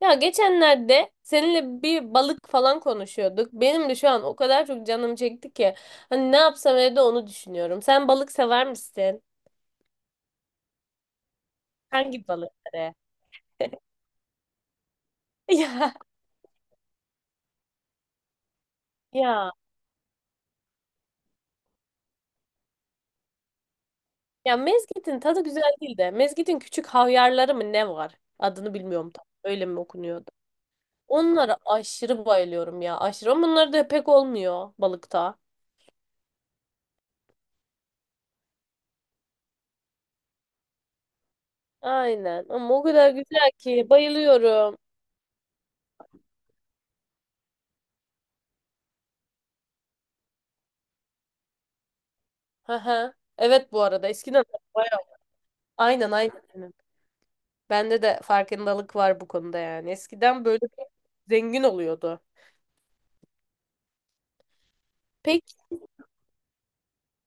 Ya geçenlerde seninle bir balık falan konuşuyorduk. Benim de şu an o kadar çok canım çekti ki. Hani ne yapsam evde onu düşünüyorum. Sen balık sever misin? Hangi balıkları? Ya ya ya mezgitin tadı güzel değil de mezgitin küçük havyarları mı ne var? Adını bilmiyorum tam. Öyle mi okunuyordu? Onlara aşırı bayılıyorum ya aşırı. Ama bunlar da pek olmuyor balıkta. Aynen ama o kadar güzel ki bayılıyorum. Hı hı. Evet bu arada eskiden bayağı. Aynen aynen. Bende de farkındalık var bu konuda yani. Eskiden böyle zengin oluyordu. Peki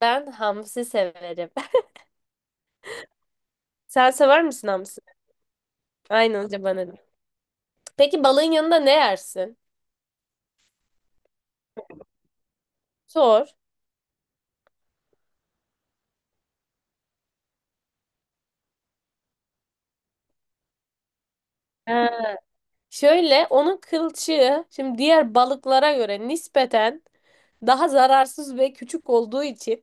ben hamsi severim. Sen sever misin hamsi? Aynen önce bana. De. Peki balığın yanında ne yersin? Sor. Ha, şöyle onun kılçığı şimdi diğer balıklara göre nispeten daha zararsız ve küçük olduğu için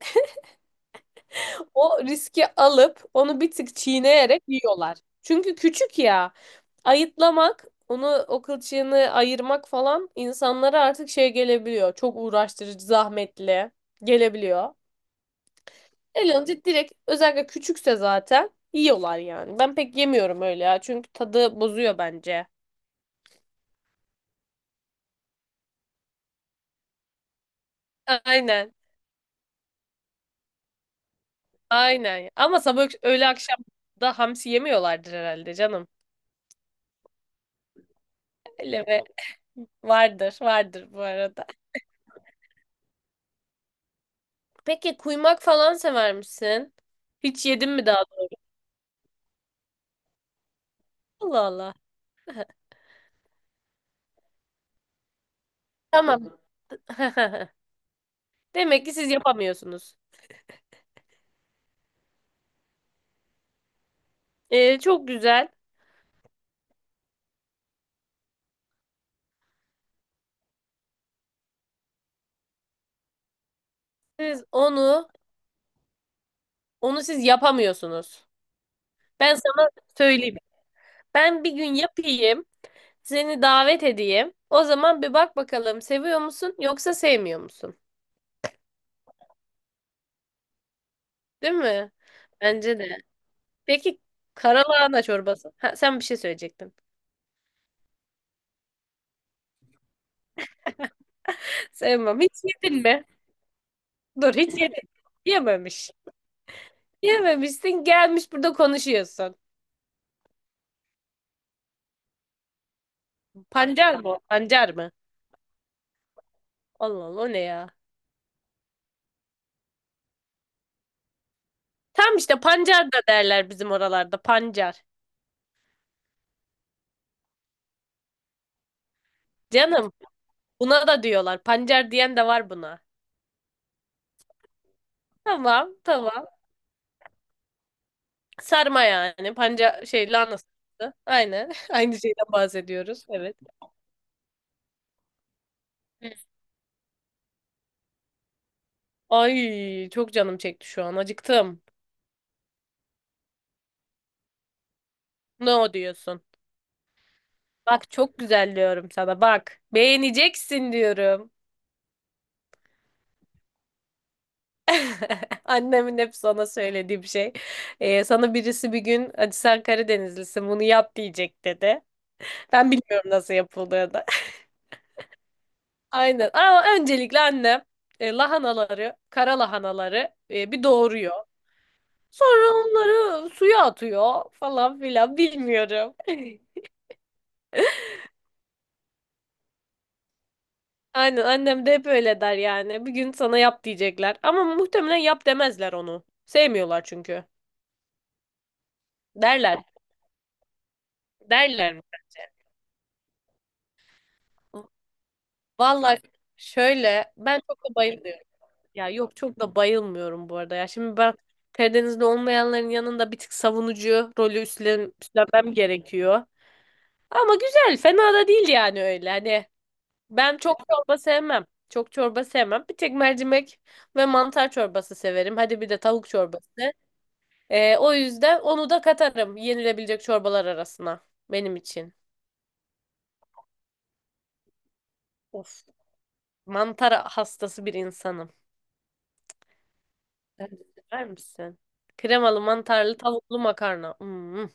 o riski alıp onu bir tık çiğneyerek yiyorlar. Çünkü küçük ya. Ayıtlamak, onu o kılçığını ayırmak falan insanlara artık şey gelebiliyor. Çok uğraştırıcı, zahmetli gelebiliyor. Elanca direkt özellikle küçükse zaten yiyorlar yani. Ben pek yemiyorum öyle ya. Çünkü tadı bozuyor bence. Aynen. Aynen. Ama sabah öğle akşam da hamsi yemiyorlardır herhalde canım. Öyle mi? Vardır, vardır bu arada. Peki kuymak falan sever misin? Hiç yedin mi daha? Allah Allah. Tamam. Demek ki siz yapamıyorsunuz. Çok güzel. Siz onu siz yapamıyorsunuz. Ben sana söyleyeyim. Ben bir gün yapayım. Seni davet edeyim. O zaman bir bak bakalım seviyor musun yoksa sevmiyor musun? Değil mi? Bence de. Peki karalahana çorbası. Ha, sen bir şey söyleyecektin. Sevmem. Hiç yedin mi? Dur hiç yedin. Yememiş. Yememişsin gelmiş burada konuşuyorsun. Pancar mı? O? Pancar mı? Allah Allah o ne ya? Tam işte pancar da derler bizim oralarda pancar. Canım buna da diyorlar. Pancar diyen de var buna. Tamam tamam. Sarma yani. Pancar şey lahana sarması. Aynen. Aynı şeyden bahsediyoruz. Evet. Ay çok canım çekti şu an. Acıktım. Ne o diyorsun? Bak çok güzel diyorum sana. Bak beğeneceksin diyorum. Annemin hep sana söylediği bir şey. Sana birisi bir gün hadi sen Karadenizlisin bunu yap diyecek dedi. Ben bilmiyorum nasıl yapıldığını. Aynen. Ama öncelikle annem lahanaları, kara lahanaları bir doğuruyor. Sonra onları suya atıyor falan filan bilmiyorum. Aynen annem de hep öyle der yani. Bir gün sana yap diyecekler. Ama muhtemelen yap demezler onu. Sevmiyorlar çünkü. Derler. Derler mi? Vallahi şöyle ben çok da bayılmıyorum. Ya yok çok da bayılmıyorum bu arada. Ya şimdi ben Karadenizli olmayanların yanında bir tık savunucu rolü üstlenmem gerekiyor. Ama güzel, fena da değil yani öyle. Hani ben çok çorba sevmem. Çok çorba sevmem. Bir tek mercimek ve mantar çorbası severim. Hadi bir de tavuk çorbası. O yüzden onu da katarım yenilebilecek çorbalar arasına benim için. Of, mantar hastası bir insanım. Sen de sever misin? Kremalı, mantarlı, tavuklu makarna. Hmm.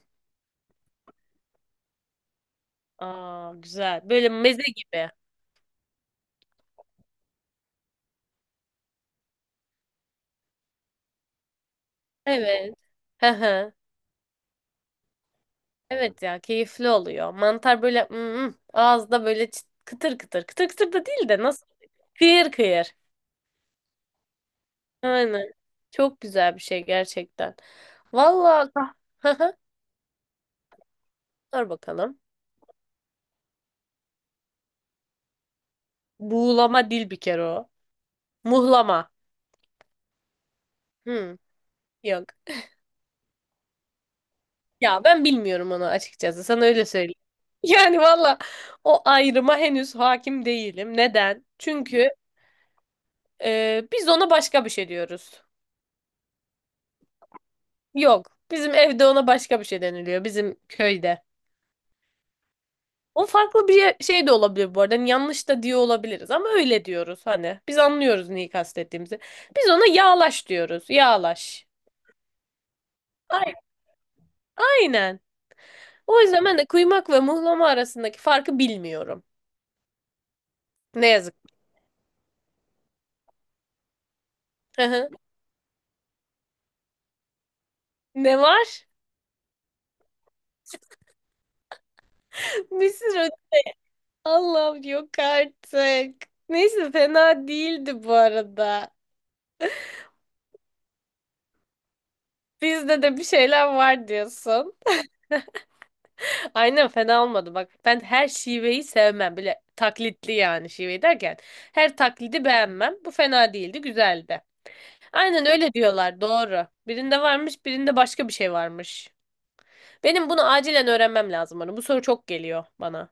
Aa, güzel. Böyle meze gibi. Evet. Hı hı. Evet ya keyifli oluyor. Mantar böyle ağızda böyle kıtır kıtır. Kıtır kıtır da değil de nasıl? Kıyır kıyır. Aynen. Çok güzel bir şey gerçekten. Vallahi. Hı hı. Dur bakalım. Buğulama değil bir kere o. Muhlama. Hmm. Yok. Ya ben bilmiyorum onu açıkçası. Sana öyle söyleyeyim. Yani valla o ayrıma henüz hakim değilim. Neden? Çünkü biz ona başka bir şey diyoruz. Yok. Bizim evde ona başka bir şey deniliyor. Bizim köyde. O farklı bir şey de olabilir bu arada. Hani yanlış da diyor olabiliriz ama öyle diyoruz hani. Biz anlıyoruz neyi kastettiğimizi. Biz ona yağlaş diyoruz. Yağlaş. Ay- Aynen. O yüzden ben de kuymak ve muhlama arasındaki farkı bilmiyorum. Ne yazık. Hı hı. Ne var? Bir sürü Allah'ım yok artık. Neyse fena değildi bu arada. Bizde de bir şeyler var diyorsun. Aynen fena olmadı bak. Ben her şiveyi sevmem. Bile taklitli yani şive derken. Her taklidi beğenmem. Bu fena değildi, güzeldi. Aynen öyle diyorlar, doğru. Birinde varmış, birinde başka bir şey varmış. Benim bunu acilen öğrenmem lazım bana. Bu soru çok geliyor bana.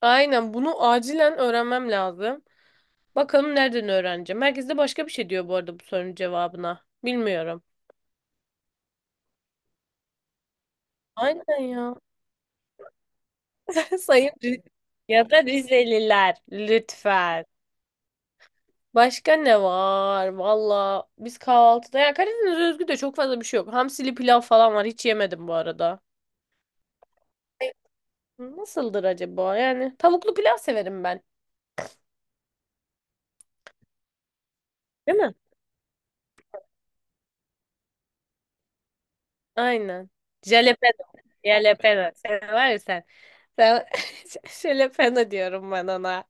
Aynen bunu acilen öğrenmem lazım. Bakalım nereden öğreneceğim. Herkes de başka bir şey diyor bu arada bu sorunun cevabına. Bilmiyorum. Aynen ya. Sayın ya da Rizeliler lütfen. Başka ne var? Valla biz kahvaltıda ya Karadeniz özgü de çok fazla bir şey yok. Hamsili pilav falan var. Hiç yemedim bu arada. Nasıldır acaba? Yani tavuklu pilav severim ben. Değil mi? Aynen. Jalapeno. Jalapeno. Sen var ya sen. Sen jalapeno diyorum ben ona.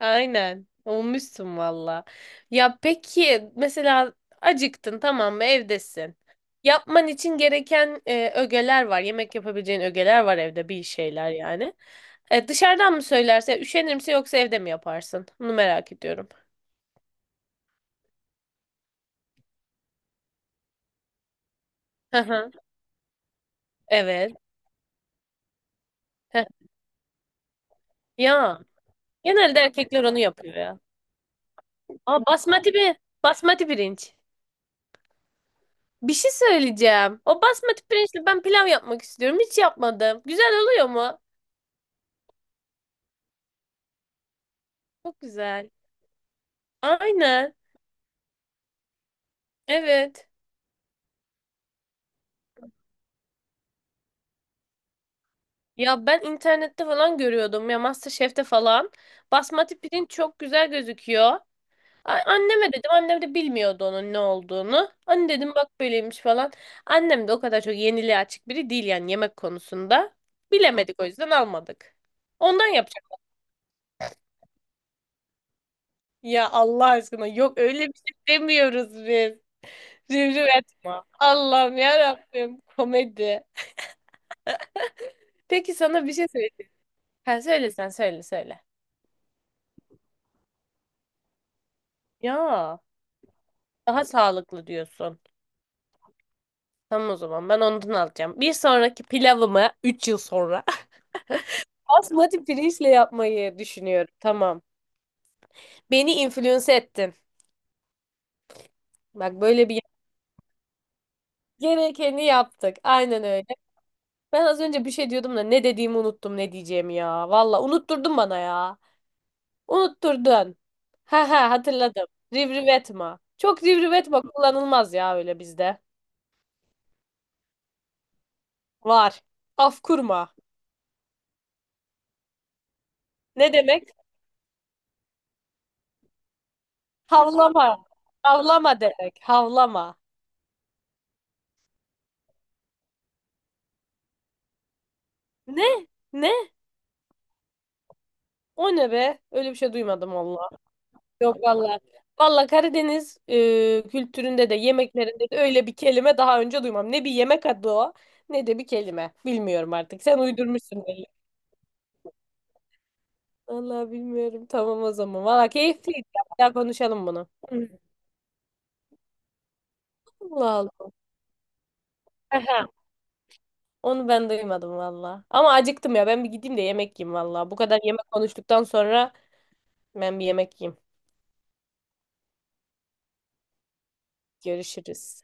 Aynen. Olmuşsun valla. Ya peki mesela acıktın tamam mı evdesin. Yapman için gereken ögeler var. Yemek yapabileceğin ögeler var evde bir şeyler yani. Dışarıdan mı söylerse üşenir misin yoksa evde mi yaparsın? Bunu merak ediyorum. Hı hı. Evet. Heh. Ya genelde erkekler onu yapıyor ya. Aa, basmati, bir basmati pirinç. Bir şey söyleyeceğim. O basmati pirinçle ben pilav yapmak istiyorum. Hiç yapmadım. Güzel oluyor mu? Çok güzel. Aynen. Evet. Ya ben internette falan görüyordum ya MasterChef'te falan. Basmati pirinç çok güzel gözüküyor. Anneme dedim. Annem de bilmiyordu onun ne olduğunu. Anne dedim bak böyleymiş falan. Annem de o kadar çok yeniliğe açık biri değil yani yemek konusunda. Bilemedik o yüzden almadık. Ondan yapacak. Ya Allah aşkına yok öyle bir şey demiyoruz biz. Rivriv etme. Allah'ım ya Rabbim komedi. Peki sana bir şey söyleyeyim. Ha, söyle sen söyle söyle. Ya. Daha sağlıklı diyorsun. Tamam o zaman ben ondan alacağım. Bir sonraki pilavımı 3 yıl sonra basmati pirinçle yapmayı düşünüyorum. Tamam. Beni influence ettin. Bak böyle bir gerekeni yaptık. Aynen öyle. Ben az önce bir şey diyordum da ne dediğimi unuttum ne diyeceğimi ya. Valla unutturdun bana ya. Unutturdun. Ha ha hatırladım. Rivriv etme. Çok rivriv etme kullanılmaz ya öyle bizde. Var. Af kurma. Ne demek? Havlama. Havlama demek. Havlama. Ne? Ne? O ne be? Öyle bir şey duymadım valla. Yok valla. Valla Karadeniz kültüründe de yemeklerinde de öyle bir kelime daha önce duymam. Ne bir yemek adı o ne de bir kelime. Bilmiyorum artık. Sen uydurmuşsun belli. Valla bilmiyorum. Tamam o zaman. Valla keyifliydi. Bir daha konuşalım bunu. Hı. Allah Allah. Aha. Onu ben duymadım valla. Ama acıktım ya. Ben bir gideyim de yemek yiyeyim valla. Bu kadar yemek konuştuktan sonra ben bir yemek yiyeyim. Görüşürüz.